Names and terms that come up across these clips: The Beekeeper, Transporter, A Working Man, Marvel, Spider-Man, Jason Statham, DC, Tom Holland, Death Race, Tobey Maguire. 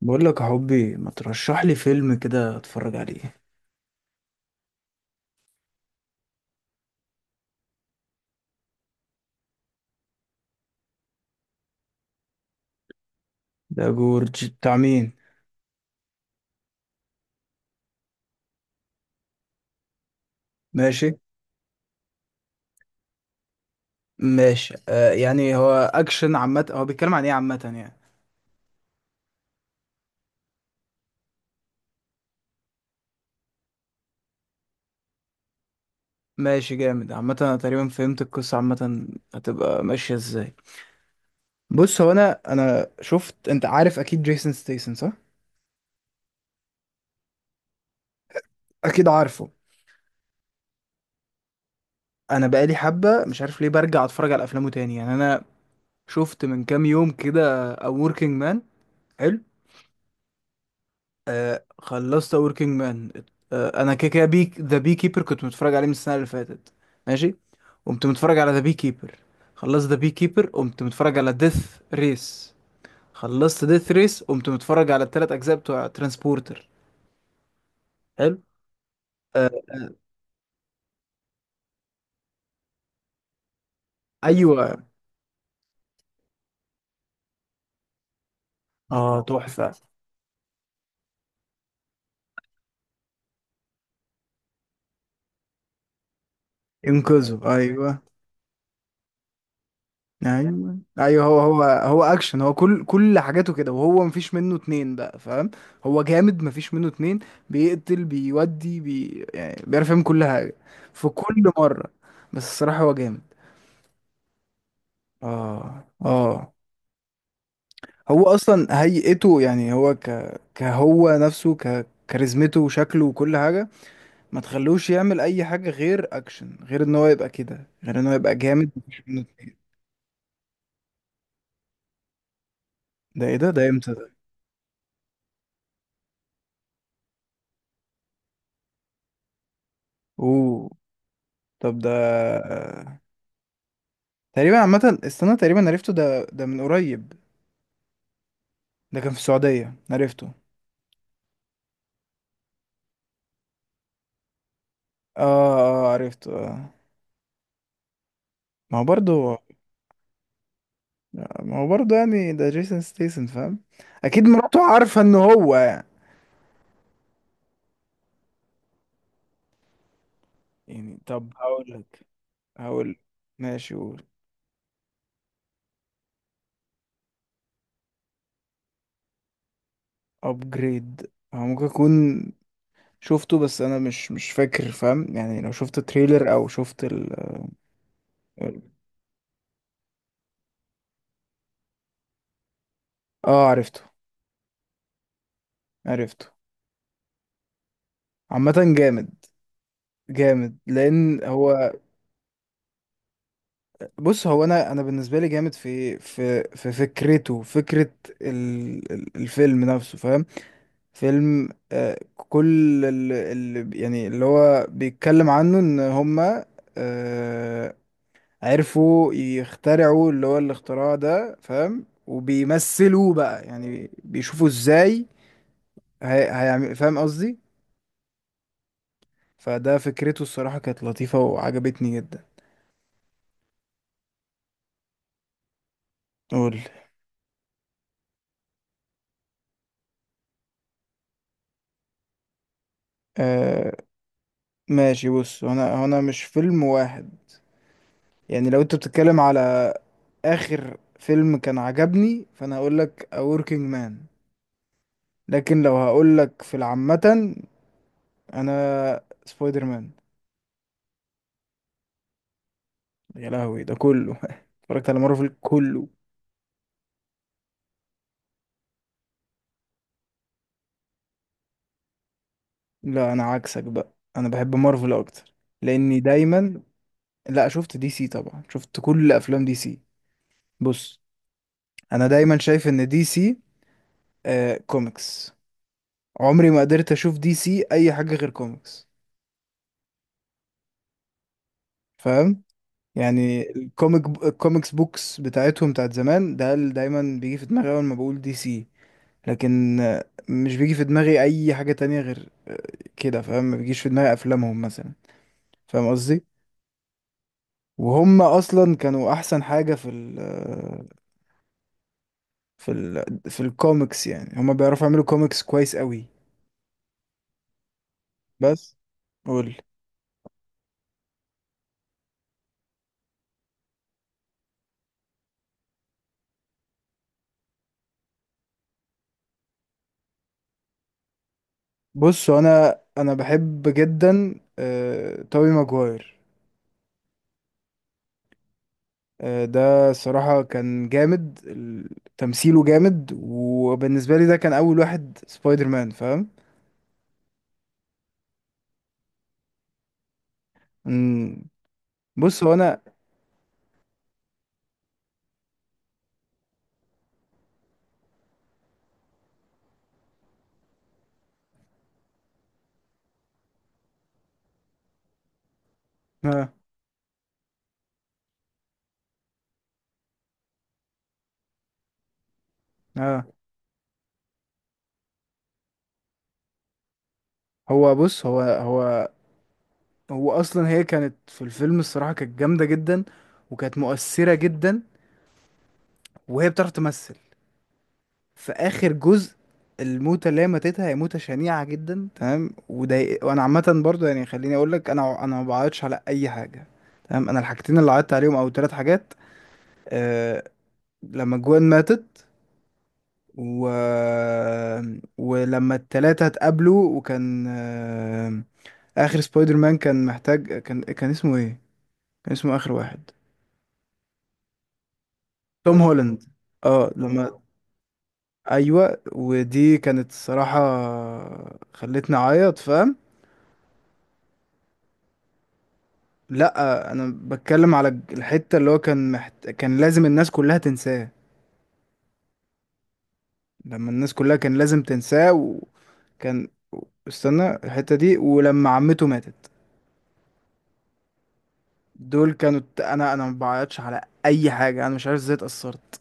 بقول لك يا حبي، ما ترشح لي فيلم كده اتفرج عليه. ده جورج بتاع مين؟ ماشي ماشي. يعني هو اكشن عامه، هو بيتكلم عن ايه عامه يعني؟ ماشي جامد عامه، انا تقريبا فهمت القصه عامه. هتبقى ماشيه ازاي؟ بص، هو انا شفت، انت عارف اكيد جيسون ستيسن صح؟ اكيد عارفه. انا بقالي حبه مش عارف ليه برجع اتفرج على افلامه تاني، يعني انا شفت من كام يوم كده A Working Man. حلو. آه، خلصت وركينج مان. آه، انا كده كده بيك ذا بي كيبر، كنت متفرج عليه من السنه اللي فاتت. ماشي. قمت متفرج على ذا بي كيبر. خلصت ذا بي كيبر، قمت متفرج على ديث ريس. خلصت ديث ريس، قمت متفرج على الثلاث اجزاء بتوع ترانسبورتر. حلو. آه ايوه. اه تحفه. انقذه، ايوه ايوه ايوه، هو اكشن، هو كل حاجاته كده، وهو مفيش منه اتنين بقى، فاهم؟ هو جامد مفيش منه اتنين. بيقتل بيودي بي، يعني بيعرف يعمل كل حاجه في كل مره. بس الصراحه هو جامد. اه اه. هو اصلا هيئته، يعني هو كهو نفسه، كاريزمته وشكله وكل حاجه. ما تخلوش يعمل اي حاجه غير اكشن، غير ان هو يبقى كده، غير ان هو يبقى جامد مفيش منه اتنين. ده ايه ده؟ ده امتى ده؟ اوه. طب، ده تقريبا عامة، استنى، تقريبا عرفته ده، ده من قريب. ده كان في السعودية عرفته. اه اه. آه، عرفته اه. ما هو برضه. ما هو برضه، يعني ده جيسون ستيسن فاهم. اكيد مراته عارفة ان هو. يعني طب هقولك. هقول. ماشي قول. ابجريد، هو ممكن اكون شفته، بس انا مش فاكر، فاهم؟ يعني لو شفت تريلر او شفت ال- اه، عرفته. عرفته عامة. جامد. جامد لان هو. بص، هو انا بالنسبه لي جامد في فكرته، فكره الفيلم نفسه، فاهم؟ فيلم كل اللي يعني اللي هو بيتكلم عنه ان هما آه عرفوا يخترعوا اللي هو الاختراع ده، فاهم؟ وبيمثلوه بقى، يعني بيشوفوا ازاي هيعمل، فاهم قصدي؟ فده فكرته الصراحه كانت لطيفه وعجبتني جدا. قول. آه، ماشي. بص، هنا مش فيلم واحد. يعني لو انت بتتكلم على اخر فيلم كان عجبني، فانا هقول لك A Working Man. لكن لو هقول لك في العامة، انا سبايدر مان. يا لهوي ده كله اتفرجت على مارفل كله. لا، انا عكسك بقى، انا بحب مارفل اكتر لاني دايما. لا، شفت دي سي طبعا، شفت كل افلام دي سي. بص، انا دايما شايف ان دي سي كوميكس. عمري ما قدرت اشوف دي سي اي حاجة غير كوميكس، فاهم؟ يعني الكوميكس بوكس بتاعتهم بتاعت زمان، ده اللي دايما بيجي في دماغي اول ما بقول دي سي. لكن مش بيجي في دماغي اي حاجة تانية غير كده، فاهم؟ ما بيجيش في دماغي افلامهم مثلا، فاهم قصدي؟ وهم اصلا كانوا احسن حاجة في ال آه، في ال في الكوميكس، يعني هم بيعرفوا يعملوا كوميكس كويس قوي. بس قول. بص، انا بحب جدا توبي ماجواير. ده الصراحة كان جامد تمثيله جامد، وبالنسبة لي ده كان أول واحد سبايدر مان، فاهم؟ مم. بص هو أنا. آه. آه. هو، بص، هو أصلا، هي كانت في الفيلم الصراحة كانت جامدة جدا، وكانت مؤثرة جدا، وهي بتعرف تمثل في آخر جزء. الموتة اللي هي ماتتها هي موتة شنيعة جدا، تمام، وده. وأنا عامة برضو يعني خليني أقول لك، أنا ما بعيطش على أي حاجة. تمام، أنا الحاجتين اللي عيطت عليهم أو ثلاث حاجات، آه، لما جوان ماتت، و... ولما التلاتة اتقابلوا، وكان آخر سبايدر مان كان محتاج، كان اسمه ايه؟ كان اسمه آخر واحد. توم هولاند لما ايوه، ودي كانت الصراحة خلتني اعيط، فاهم؟ لا، انا بتكلم على الحتة اللي هو كان لازم الناس كلها تنساه. لما الناس كلها كان لازم تنساه، وكان. استنى الحتة دي، ولما عمته ماتت. دول كانوا انا ما بعيطش على اي حاجه. انا مش عارف ازاي اتاثرت.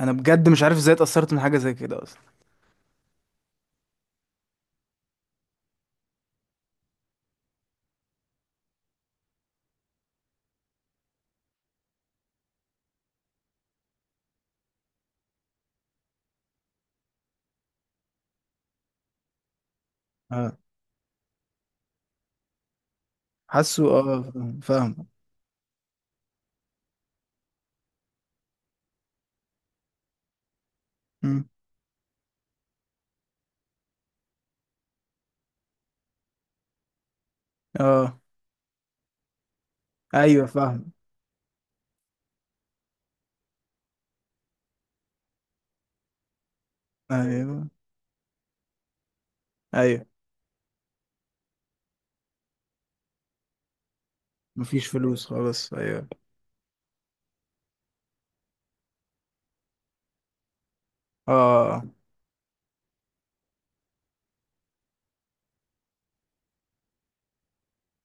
انا بجد مش عارف ازاي اتاثرت من حاجه زي كده اصلا. اه حاسه فاهم فاهم. مم. اه، ايوه، فاهم، ايوه ايوه، مفيش فلوس خلاص، ايوه. اه.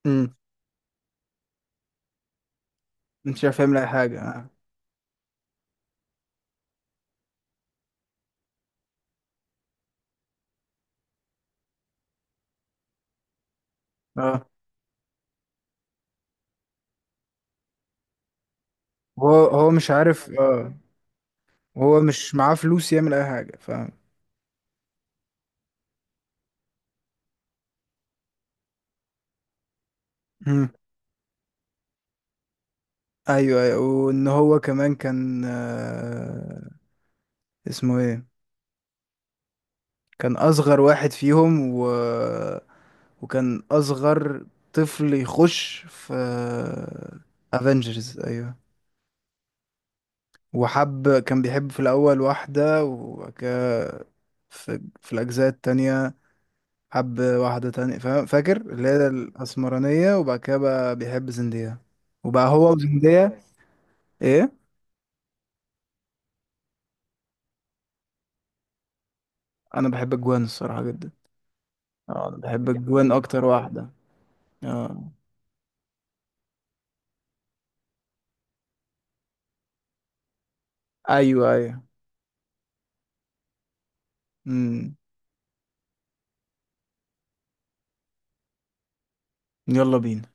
امم انت مش عارف يعمل اي حاجه، اه اه. هو مش عارف اه. هو مش معاه فلوس يعمل اي حاجه، فاهم. مم. ايوه ايوه، وان هو كمان كان اسمه ايه، كان اصغر واحد فيهم، وكان اصغر طفل يخش في افنجرز، ايوه. وحب كان بيحب في الاول واحدة، في الاجزاء التانية حب واحدة تانية، فاكر اللي هي الاسمرانية، وبعد كده بقى بيحب زندية، وبقى هو وزندية. ايه، انا بحب الجوان الصراحة جدا. اه، انا بحب الجوان اكتر واحدة. اه ايوه ايوه. امم. يلا بينا.